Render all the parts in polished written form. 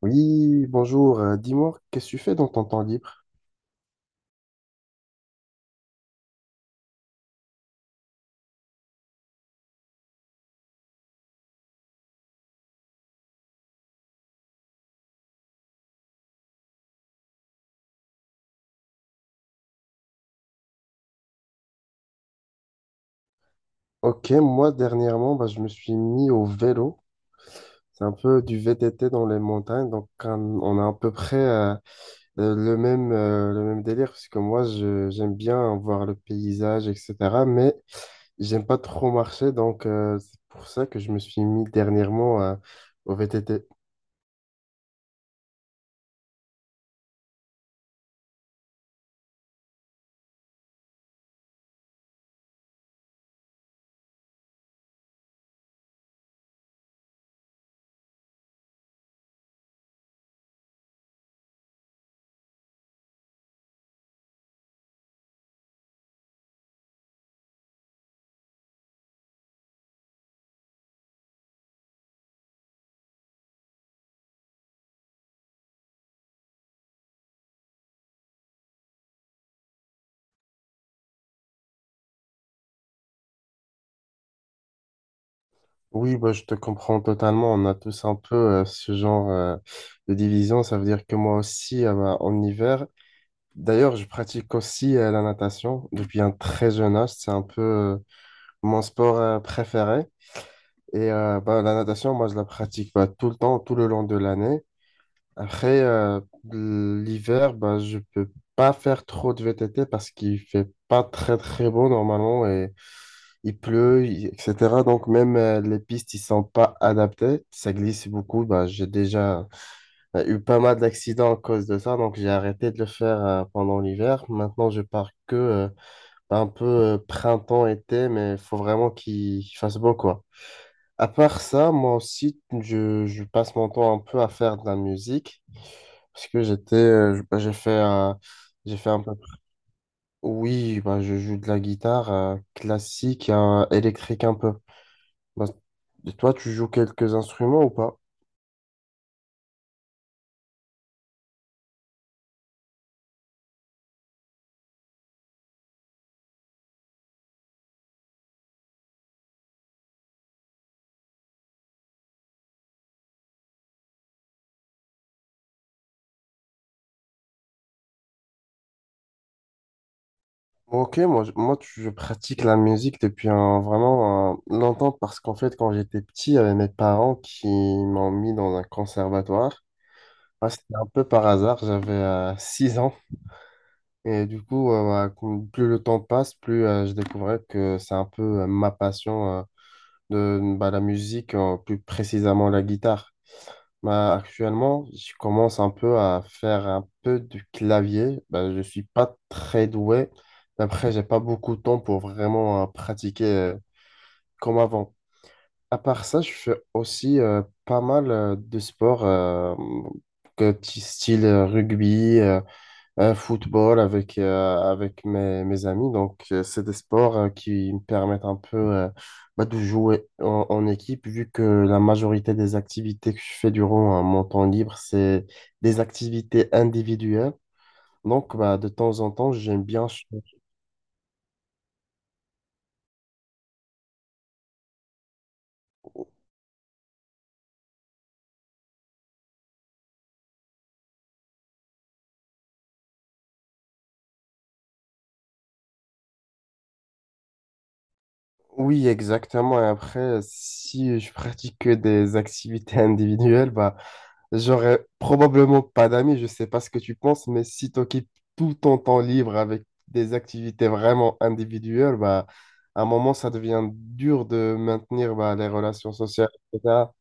Oui, bonjour. Dis-moi, qu'est-ce que tu fais dans ton temps libre? Ok, moi dernièrement, bah, je me suis mis au vélo. C'est un peu du VTT dans les montagnes, donc on a à peu près le même, le même délire, parce que moi, j'aime bien voir le paysage, etc. Mais j'aime pas trop marcher, donc c'est pour ça que je me suis mis dernièrement au VTT. Oui, bah, je te comprends totalement. On a tous un peu ce genre de division. Ça veut dire que moi aussi, bah, en hiver, d'ailleurs, je pratique aussi la natation depuis un très jeune âge. C'est un peu mon sport préféré. Et bah, la natation, moi, je la pratique bah, tout le temps, tout le long de l'année. Après, l'hiver, bah, je peux pas faire trop de VTT parce qu'il fait pas très, très beau normalement et il pleut, etc. Donc, même les pistes, ils sont pas adaptées. Ça glisse beaucoup. Bah, j'ai déjà eu pas mal d'accidents à cause de ça. Donc, j'ai arrêté de le faire pendant l'hiver. Maintenant, je pars que un peu printemps-été, mais il faut vraiment qu'il fasse beau, quoi. À part ça, moi aussi, je passe mon temps un peu à faire de la musique, parce que j'étais, je- bah, j'ai fait un peu, oui, bah, je joue de la guitare classique électrique un peu. Bah, et toi, tu joues quelques instruments ou pas? Ok, moi, je pratique la musique depuis longtemps parce qu'en fait, quand j'étais petit, il y avait mes parents qui m'ont mis dans un conservatoire. Ah, c'était un peu par hasard, j'avais 6 ans. Et du coup, voilà, plus le temps passe, plus je découvrais que c'est un peu ma passion de bah, la musique, plus précisément la guitare. Bah, actuellement, je commence un peu à faire un peu du clavier. Bah, je suis pas très doué. Après, j'ai pas beaucoup de temps pour vraiment pratiquer comme avant. À part ça, je fais aussi pas mal de sports style rugby. Un football avec, avec mes amis. Donc, c'est des sports qui me permettent un peu bah, de jouer en équipe, vu que la majorité des activités que je fais durant mon temps libre, c'est des activités individuelles. Donc, bah, de temps en temps, j'aime bien. Oui, exactement. Et après, si je pratique que des activités individuelles, bah, j'aurais probablement pas d'amis. Je sais pas ce que tu penses, mais si tu occupes tout ton temps libre avec des activités vraiment individuelles, bah, à un moment, ça devient dur de maintenir bah, les relations sociales, etc.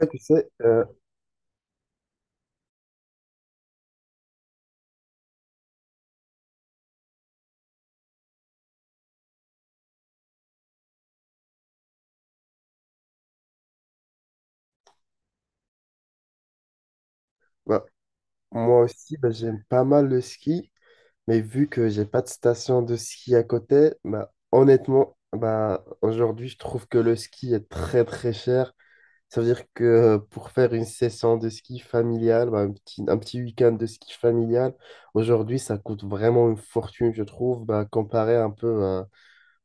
Après, tu sais, bah, moi aussi, bah, j'aime pas mal le ski. Mais vu que j'ai pas de station de ski à côté, bah, honnêtement, bah, aujourd'hui, je trouve que le ski est très très cher. Ça veut dire que pour faire une session de ski familiale, bah, un petit week-end de ski familial, aujourd'hui, ça coûte vraiment une fortune, je trouve, bah, comparé un peu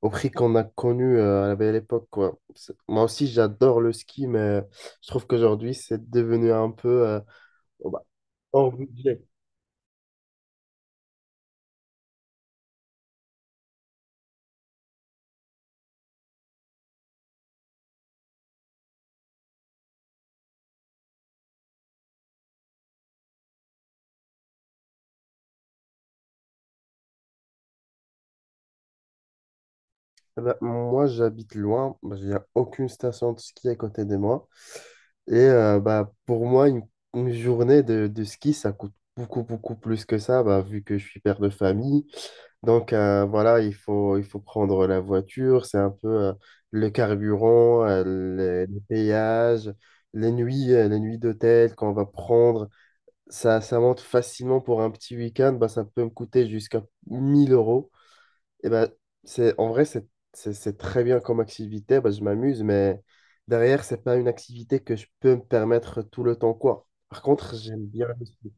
au prix qu'on a connu à la belle époque, quoi. Moi aussi, j'adore le ski, mais je trouve qu'aujourd'hui, c'est devenu un peu oh, bah, hors budget. Eh ben, moi, j'habite loin. Il n'y a aucune station de ski à côté de moi. Et bah, pour moi, une journée de ski, ça coûte beaucoup, beaucoup plus que ça, bah, vu que je suis père de famille. Donc voilà, il faut prendre la voiture, c'est un peu le carburant, les péages, les nuits d'hôtel qu'on va prendre. Ça monte facilement pour un petit week-end, bah, ça peut me coûter jusqu'à 1000 euros. Eh ben, c'est c'est très bien comme activité, ben, je m'amuse, mais derrière, c'est pas une activité que je peux me permettre tout le temps, quoi. Par contre, j'aime bien le ski.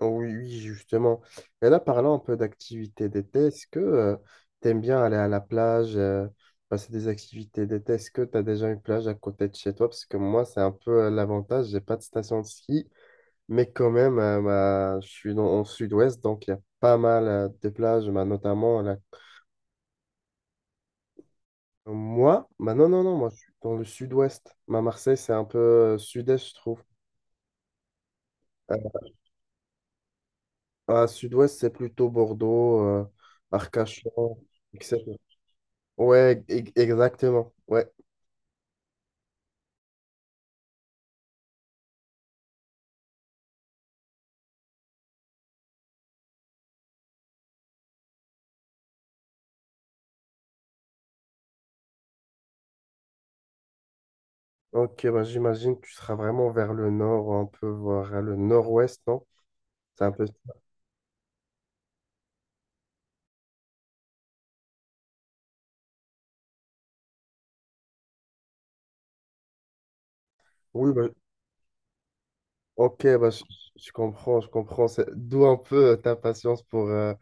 Oh oui, oui, justement. Et là, parlant un peu d'activités d'été, est-ce que tu aimes bien aller à la plage, passer des activités d'été? Est-ce que tu as déjà une plage à côté de chez toi? Parce que moi, c'est un peu l'avantage, j'ai pas de station de ski, mais quand même, bah, je suis en sud-ouest, donc il y a pas mal de plages, bah, notamment la. Moi, bah non, non, non, moi je suis dans le sud-ouest. Ma Marseille, c'est un peu sud-est, je trouve. Euh, à sud-ouest, c'est plutôt Bordeaux, Arcachon, etc. Ouais, exactement. Ouais. Ok, bah j'imagine que tu seras vraiment vers le nord, un peu vers le nord-ouest, non? C'est un peu. Oui, bah, ok, bah, je comprends, je comprends. D'où un peu ta patience pour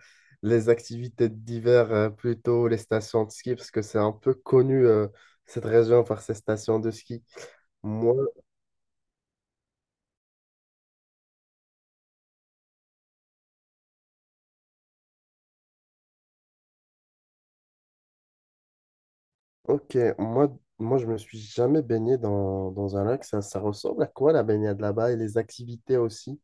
les activités d'hiver, plutôt les stations de ski, parce que c'est un peu connu cette région par ses stations de ski. Moi, ok, moi je me suis jamais baigné dans un lac. Ça ressemble à quoi la baignade là-bas et les activités aussi?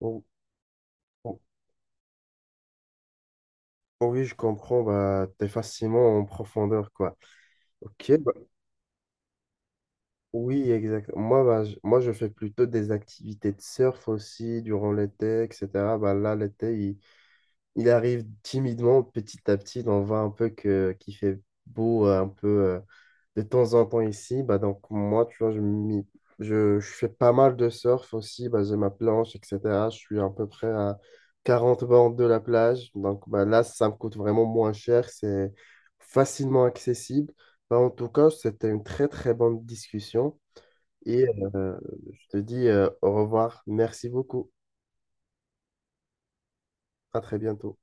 Oh, oh, oh oui, je comprends, bah, t'es facilement en profondeur, quoi. Ok, oui, exact. Moi, bah, moi, je fais plutôt des activités de surf aussi durant l'été, etc. Bah, là, il arrive timidement, petit à petit. On voit un peu qu'il fait beau un peu de temps en temps ici. Bah, donc, moi, tu vois, je fais pas mal de surf aussi. Bah, j'ai ma planche, etc. Je suis à peu près à 40 bornes de la plage. Donc, bah, là, ça me coûte vraiment moins cher. C'est facilement accessible. Bah, en tout cas, c'était une très, très bonne discussion. Et euh, je te dis au revoir. Merci beaucoup. À très bientôt.